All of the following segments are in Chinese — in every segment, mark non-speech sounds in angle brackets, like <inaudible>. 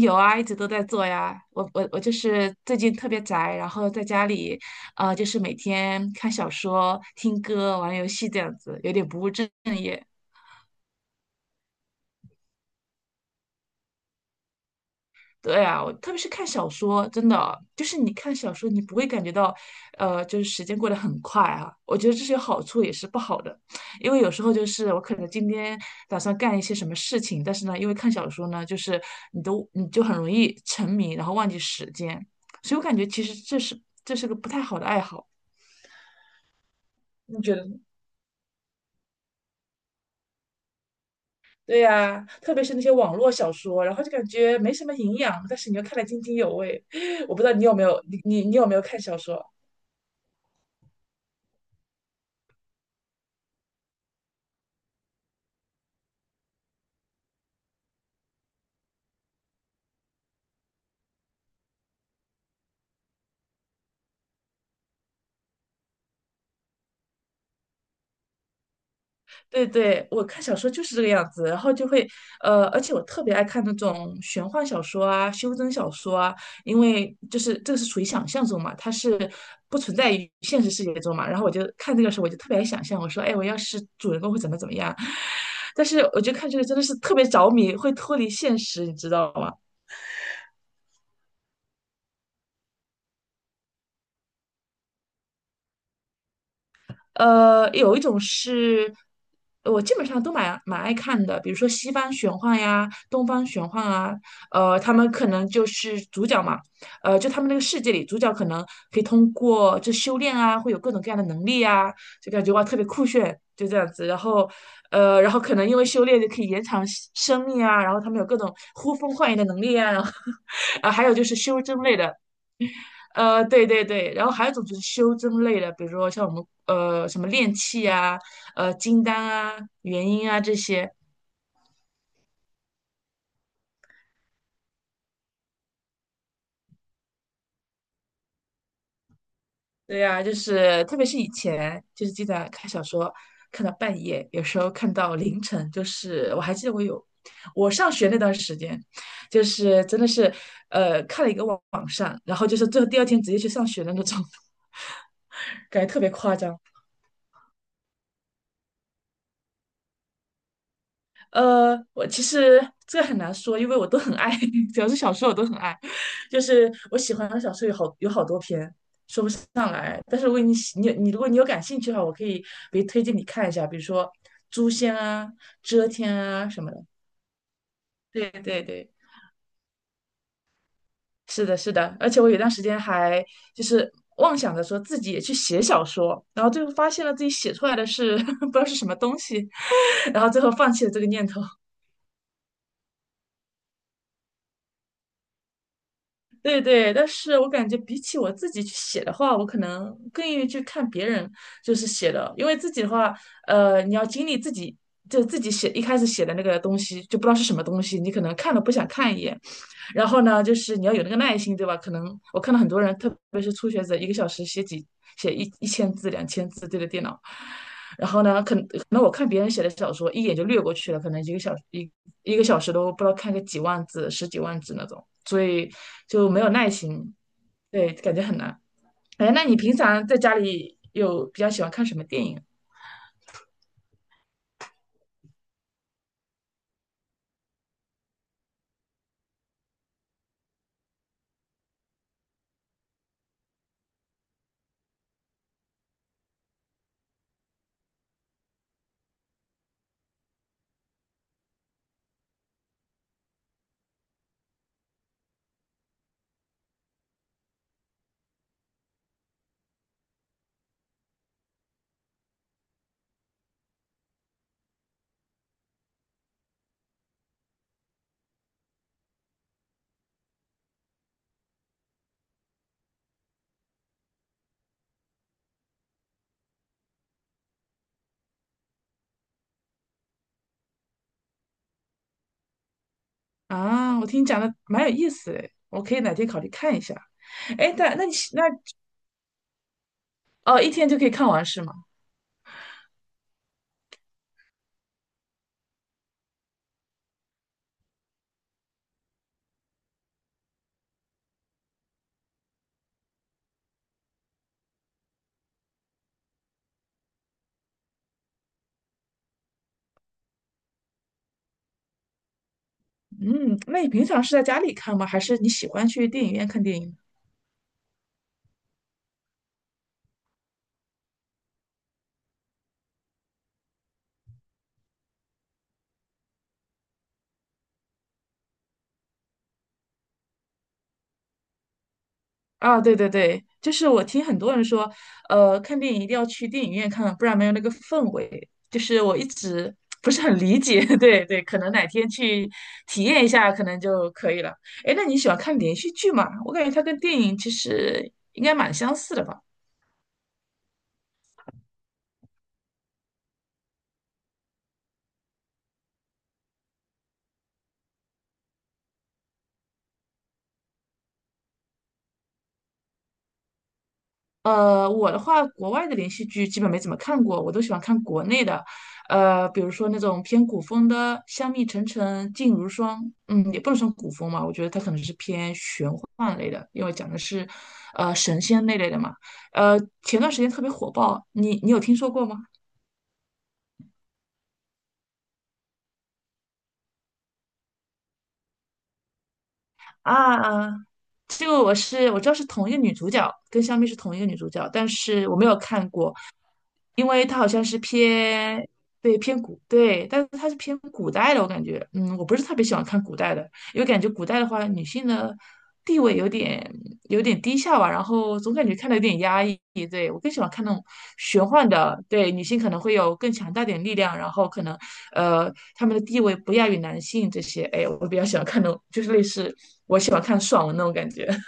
有啊，一直都在做呀。我就是最近特别宅，然后在家里，就是每天看小说、听歌、玩游戏这样子，有点不务正。对啊，我特别是看小说，真的就是你看小说，你不会感觉到，就是时间过得很快啊。我觉得这是有好处，也是不好的，因为有时候就是我可能今天打算干一些什么事情，但是呢，因为看小说呢，就是你就很容易沉迷，然后忘记时间，所以我感觉其实这是个不太好的爱好。你觉得呢？对呀、特别是那些网络小说，然后就感觉没什么营养，但是你又看得津津有味。<laughs> 我不知道你有没有，你有没有看小说？对对，我看小说就是这个样子，然后就会，而且我特别爱看那种玄幻小说啊、修真小说啊，因为就是这个是属于想象中嘛，它是不存在于现实世界中嘛。然后我就看这个时候，我就特别爱想象，我说，哎，我要是主人公会怎么怎么样。<laughs> 但是我觉得看这个真的是特别着迷，会脱离现实，你知道吗？有一种是我基本上都蛮爱看的，比如说西方玄幻呀、东方玄幻啊，他们可能就是主角嘛，就他们那个世界里，主角可能可以通过这修炼啊，会有各种各样的能力啊，就感觉哇特别酷炫，就这样子。然后，然后可能因为修炼就可以延长生命啊，然后他们有各种呼风唤雨的能力啊，然后，<laughs> 啊，还有就是修真类的。对对对，然后还有一种就是修真类的，比如说像我们什么炼气啊、金丹啊、元婴啊这些。对呀、就是特别是以前，就是经常看小说，看到半夜，有时候看到凌晨，就是我还记得我上学那段时间，就是真的是看了一个网上，然后就是最后第二天直接去上学的那种，<laughs> 感觉特别夸张。我其实这个很难说，因为我都很爱，<laughs> 只要是小说我都很爱。就是我喜欢的小说有好多篇，说不上来。但是如果你喜你你如果你有感兴趣的话，我可以比如推荐你看一下，比如说《诛仙》啊、《遮天》啊什么的。对对对，是的，是的。而且我有段时间还就是妄想着说自己也去写小说，然后最后发现了自己写出来的是 <laughs> 不知道是什么东西，然后最后放弃了这个念头。对对，但是我感觉比起我自己去写的话，我可能更愿意去看别人就是写的，因为自己的话，你要经历自己就自己写一开始写的那个东西，就不知道是什么东西，你可能看了不想看一眼，然后呢，就是你要有那个耐心，对吧？可能我看到很多人，特别是初学者，一个小时写一千字、2000字对着电脑。然后呢，可能我看别人写的小说，一眼就略过去了，可能一个小时都不知道看个几万字、十几万字那种，所以就没有耐心，对，感觉很难。哎，那你平常在家里有比较喜欢看什么电影啊？我听你讲的蛮有意思的，我可以哪天考虑看一下。哎，但那你那哦，一天就可以看完是吗？嗯，那你平常是在家里看吗？还是你喜欢去电影院看电影？啊，对对对，就是我听很多人说，看电影一定要去电影院看，不然没有那个氛围。就是我一直不是很理解，<laughs> 对对，可能哪天去体验一下，可能就可以了。哎，那你喜欢看连续剧吗？我感觉它跟电影其实应该蛮相似的吧。我的话，国外的连续剧基本没怎么看过，我都喜欢看国内的，比如说那种偏古风的《香蜜沉沉烬如霜》，嗯，也不能算古风嘛，我觉得它可能是偏玄幻类的，因为讲的是，神仙那类的嘛。前段时间特别火爆，你有听说过吗？啊，这个我知道是同一个女主角，跟香蜜是同一个女主角，但是我没有看过，因为它好像是偏对偏古对，但是它是偏古代的，我感觉，嗯，我不是特别喜欢看古代的，因为感觉古代的话，女性的地位有点低下吧，然后总感觉看的有点压抑。对，我更喜欢看那种玄幻的，对，女性可能会有更强大点力量，然后可能她们的地位不亚于男性这些。哎，我比较喜欢看那种，就是类似我喜欢看爽文那种感觉。<laughs>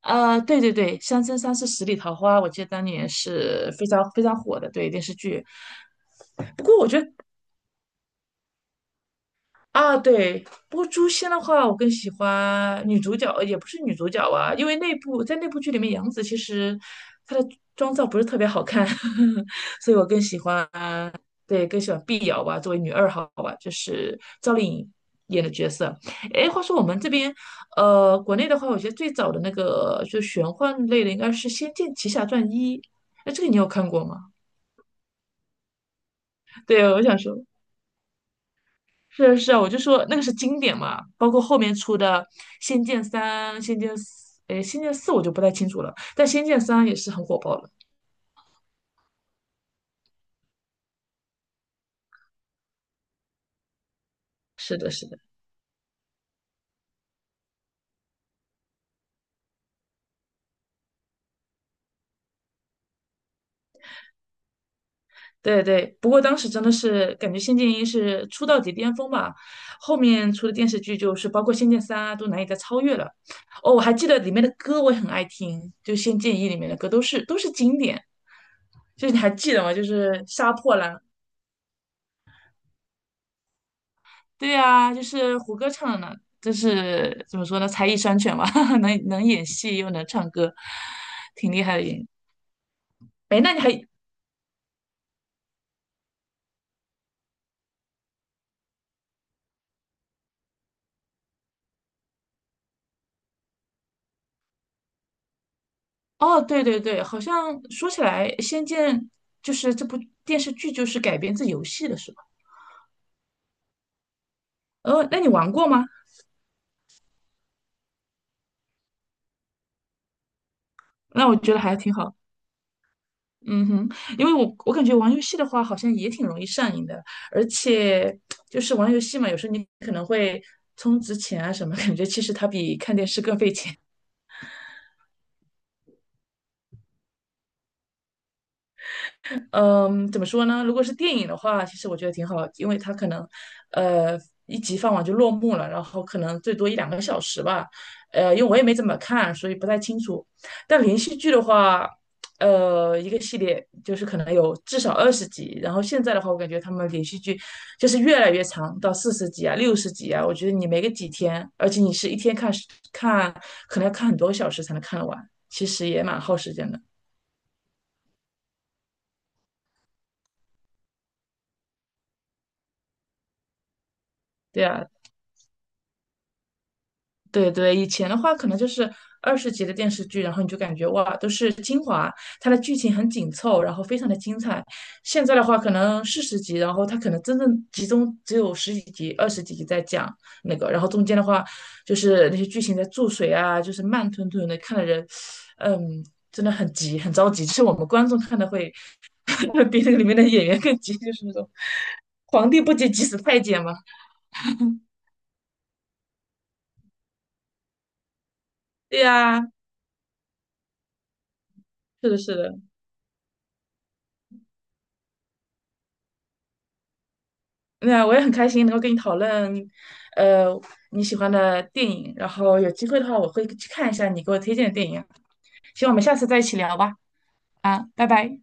啊，对对对，《三生三世十里桃花》，我记得当年是非常非常火的，对电视剧。不过我觉得。啊，对，不过诛仙的话，我更喜欢女主角，也不是女主角啊，因为那部在那部剧里面，杨紫其实她的妆造不是特别好看，<laughs> 所以我更喜欢，对，更喜欢碧瑶吧，作为女二号吧，就是赵丽颖演的角色。哎，话说我们这边，国内的话，我觉得最早的那个就玄幻类的应该是《仙剑奇侠传一》，那这个你有看过吗？对，我想说。是啊是啊，我就说那个是经典嘛，包括后面出的《仙剑三》《仙剑四》，哎，《仙剑四》我就不太清楚了，但《仙剑三》也是很火爆了。是的，是的，对对。不过当时真的是感觉《仙剑一》是出道即巅峰吧，后面出的电视剧就是包括《仙剑三》啊，都难以再超越了。哦，我还记得里面的歌我也很爱听，就《仙剑一》里面的歌都是经典。就是你还记得吗？就是《杀破狼》。对啊，就是胡歌唱的呢，就是怎么说呢，才艺双全吧，<laughs> 能演戏又能唱歌，挺厉害的演。哎，那你还哦，对对对，好像说起来，《仙剑》就是这部电视剧就是改编自游戏的是吧？哦，那你玩过吗？那我觉得还挺好。嗯哼，因为我感觉玩游戏的话，好像也挺容易上瘾的，而且就是玩游戏嘛，有时候你可能会充值钱啊什么，感觉其实它比看电视更费钱。嗯，怎么说呢？如果是电影的话，其实我觉得挺好，因为它可能，呃，一集放完就落幕了，然后可能最多一两个小时吧。因为我也没怎么看，所以不太清楚。但连续剧的话，一个系列就是可能有至少二十集，然后现在的话，我感觉他们连续剧就是越来越长，到四十集啊、60集啊，我觉得你没个几天，而且你是一天看，可能要看很多小时才能看得完，其实也蛮耗时间的。对啊，对对，以前的话可能就是二十集的电视剧，然后你就感觉哇，都是精华，它的剧情很紧凑，然后非常的精彩。现在的话可能四十集，然后它可能真正集中只有十几集、二十几集在讲那个，然后中间的话就是那些剧情在注水啊，就是慢吞吞的，看的人，嗯，真的很急，很着急。就是我们观众看的会 <laughs> 比那个里面的演员更急，就是那种皇帝不急急死太监嘛。对呀、是的，是的。那我也很开心能够跟你讨论，呃，你喜欢的电影。然后有机会的话，我会去看一下你给我推荐的电影。希望我们下次再一起聊吧。啊，拜拜。